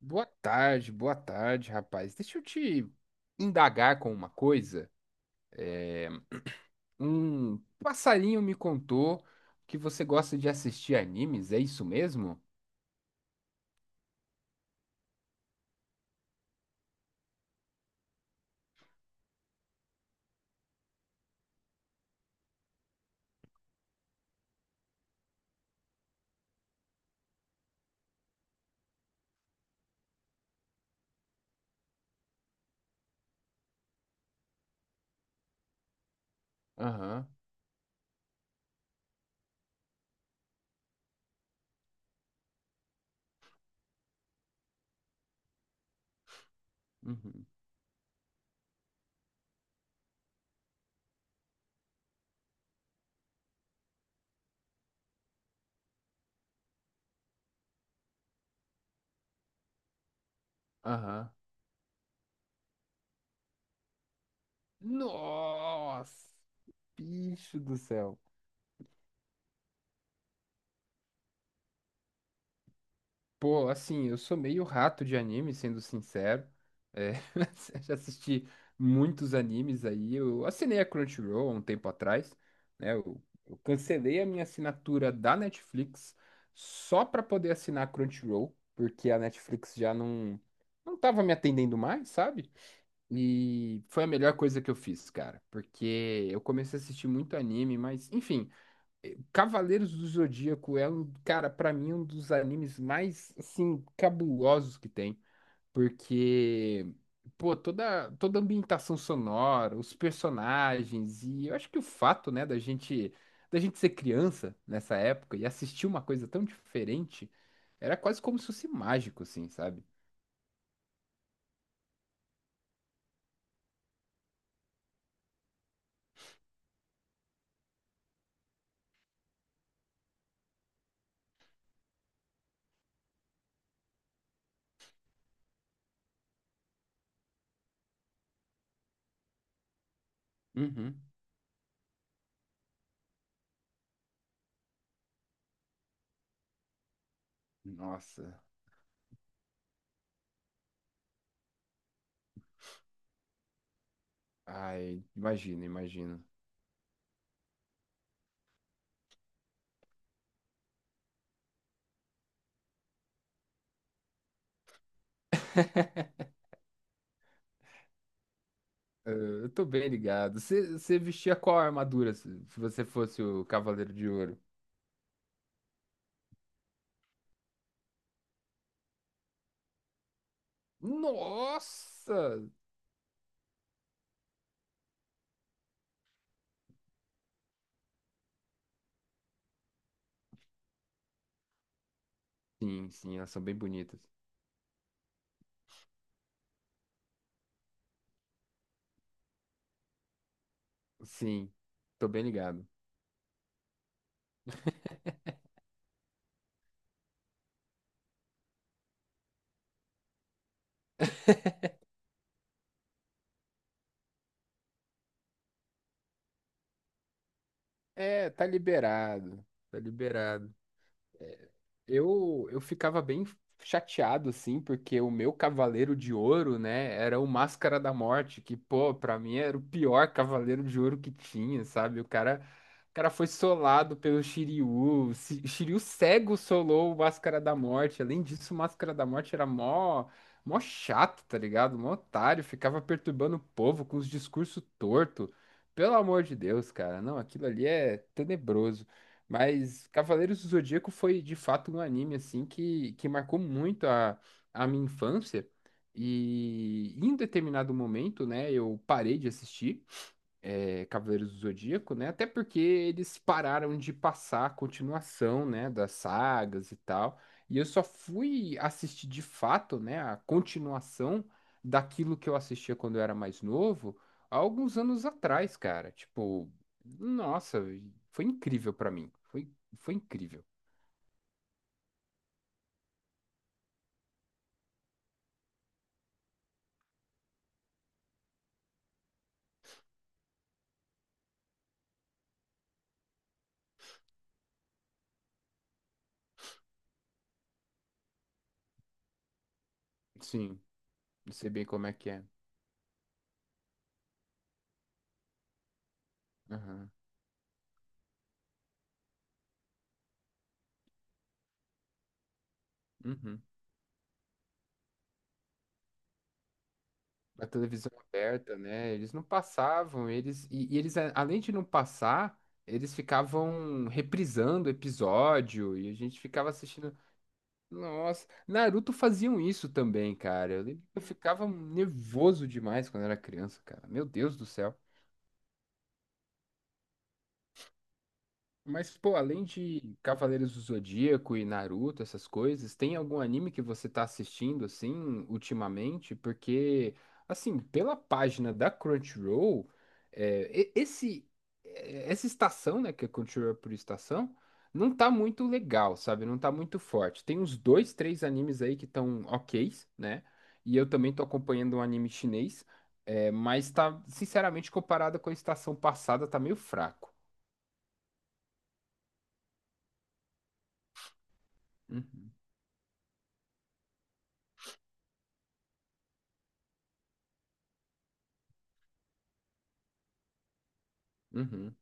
Boa tarde, rapaz. Deixa eu te indagar com uma coisa. É, Um passarinho me contou que você gosta de assistir animes, é isso mesmo? Aham, uhum, aham. Nossa, bicho do céu. Pô, assim, eu sou meio rato de anime, sendo sincero. É, já assisti muitos animes aí. Eu assinei a Crunchyroll há um tempo atrás, né? Eu cancelei a minha assinatura da Netflix só para poder assinar a Crunchyroll, porque a Netflix já não tava me atendendo mais, sabe? E foi a melhor coisa que eu fiz, cara, porque eu comecei a assistir muito anime, mas enfim, Cavaleiros do Zodíaco é um, cara, pra mim, um dos animes mais, assim, cabulosos que tem. Porque, pô, toda a ambientação sonora, os personagens, e eu acho que o fato, né, da gente ser criança nessa época e assistir uma coisa tão diferente, era quase como se fosse mágico, assim, sabe? Uhum. Nossa, ai, imagina, imagina. Eh, Eu tô bem ligado. Você vestia qual armadura se você fosse o Cavaleiro de Ouro? Nossa! Sim, sim, elas são bem bonitas. Sim, tô bem ligado. É, tá liberado. Tá liberado. Eu ficava bem chateado, assim, porque o meu Cavaleiro de Ouro, né, era o Máscara da Morte, que, pô, pra mim era o pior Cavaleiro de Ouro que tinha, sabe? O cara foi solado pelo Shiryu, o Shiryu cego solou o Máscara da Morte. Além disso, o Máscara da Morte era mó chato, tá ligado? Mó otário, ficava perturbando o povo com os discursos tortos. Pelo amor de Deus, cara, não, aquilo ali é tenebroso. Mas Cavaleiros do Zodíaco foi de fato um anime assim que marcou muito a minha infância. E em determinado momento, né, eu parei de assistir Cavaleiros do Zodíaco, né? Até porque eles pararam de passar a continuação, né, das sagas e tal. E eu só fui assistir de fato, né, a continuação daquilo que eu assistia quando eu era mais novo, há alguns anos atrás, cara. Tipo, nossa, foi incrível pra mim. Foi incrível. Sim, não sei bem como é que é. Aham. Uhum. Na televisão aberta, né? Eles não passavam, e eles além de não passar, eles ficavam reprisando episódio e a gente ficava assistindo. Nossa, Naruto faziam isso também, cara. Eu lembro que eu ficava nervoso demais quando era criança, cara. Meu Deus do céu. Mas, pô, além de Cavaleiros do Zodíaco e Naruto, essas coisas, tem algum anime que você tá assistindo, assim, ultimamente? Porque, assim, pela página da Crunchyroll, é, e- esse, essa estação, né, que é Crunchyroll por estação, não tá muito legal, sabe? Não tá muito forte. Tem uns dois, três animes aí que estão ok, né? E eu também tô acompanhando um anime chinês, é, mas tá, sinceramente, comparado com a estação passada, tá meio fraco. Uhum. Uhum.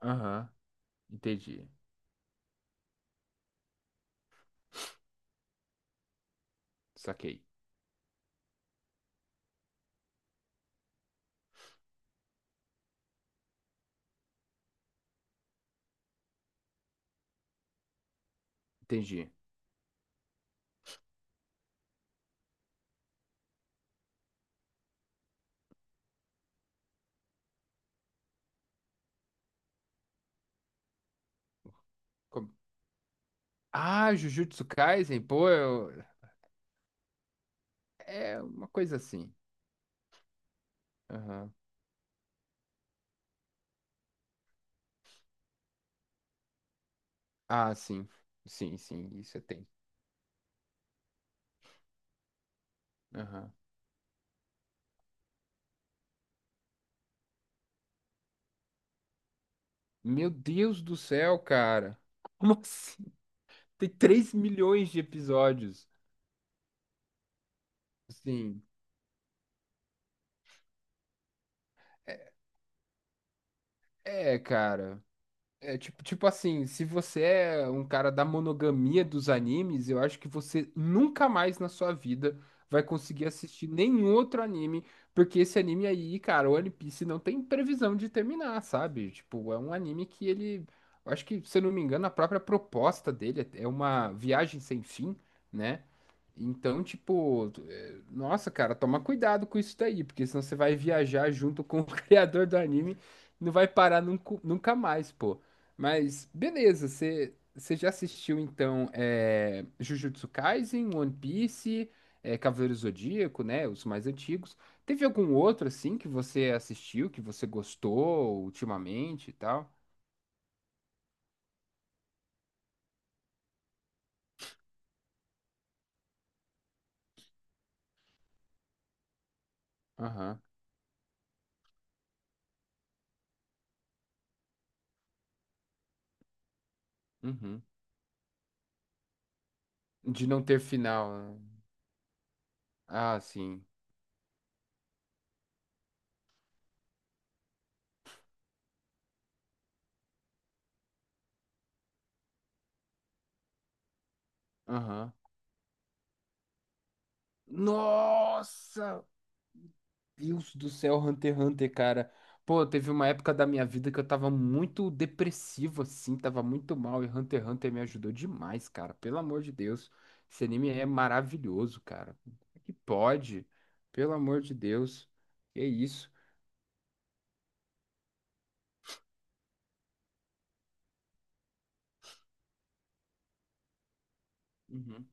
Aham, entendi. Saquei. Entendi. Como- ah, Jujutsu Kaisen, pô, eu- é uma coisa assim. Aham. Ah, sim. Sim, sim, isso eu tenho. Aham. Meu Deus do céu, cara. Como assim? Tem 3 milhões de episódios. Sim. É, é, cara. É tipo, tipo assim, se você é um cara da monogamia dos animes, eu acho que você nunca mais na sua vida vai conseguir assistir nenhum outro anime, porque esse anime aí, cara, o One Piece não tem previsão de terminar, sabe? Tipo, é um anime que ele, eu acho que, se eu não me engano, a própria proposta dele é uma viagem sem fim, né? Então, tipo, é, nossa, cara, toma cuidado com isso daí, porque senão você vai viajar junto com o criador do anime, não vai parar nunca mais, pô. Mas beleza, você já assistiu então Jujutsu Kaisen, One Piece, é, Cavaleiro Zodíaco, né? Os mais antigos. Teve algum outro assim que você assistiu, que você gostou ultimamente e tal? Aham. Uhum. De não ter final, né? Ah, sim. Aham. Nossa! Deus do céu, Hunter x Hunter, cara. Pô, teve uma época da minha vida que eu tava muito depressivo, assim, tava muito mal, e Hunter x Hunter me ajudou demais, cara. Pelo amor de Deus. Esse anime é maravilhoso, cara. Como é que pode? Pelo amor de Deus. Que isso? Uhum.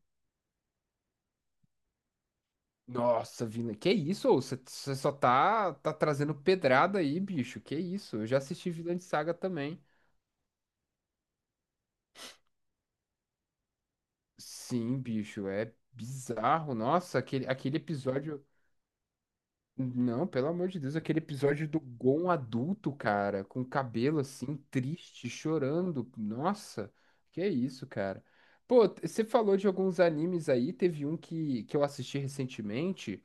Nossa, Vina, que isso? Ô? Você só tá, tá trazendo pedrada aí, bicho. Que isso? Eu já assisti Vinland Saga também. Sim, bicho, é bizarro. Nossa, aquele episódio. Não, pelo amor de Deus, aquele episódio do Gon adulto, cara, com o cabelo assim, triste, chorando. Nossa, que é isso, cara. Pô, você falou de alguns animes aí, teve um que eu assisti recentemente,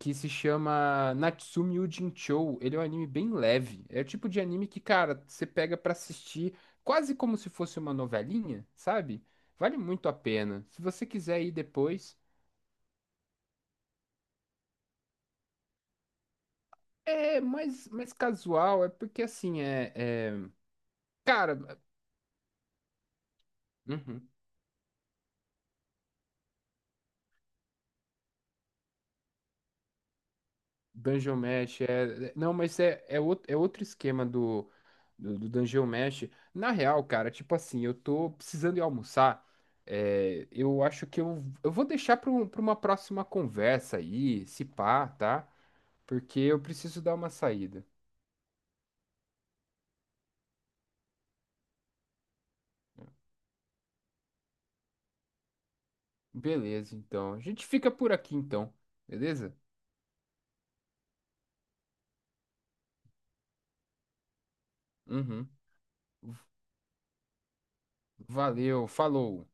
que se chama Natsume Yuujinchou. Ele é um anime bem leve. É o tipo de anime que, cara, você pega pra assistir quase como se fosse uma novelinha, sabe? Vale muito a pena. Se você quiser ir depois. É mais casual, é porque assim, cara, uhum. Dungeon Mesh é. É, não, mas é outro, é outro esquema do Dungeon Mesh. Na real, cara, tipo assim, eu tô precisando ir almoçar. É, eu acho que eu vou deixar pra uma próxima conversa aí, se pá, tá? Porque eu preciso dar uma saída. Beleza, então. A gente fica por aqui, então. Beleza? Uhum. Valeu, falou.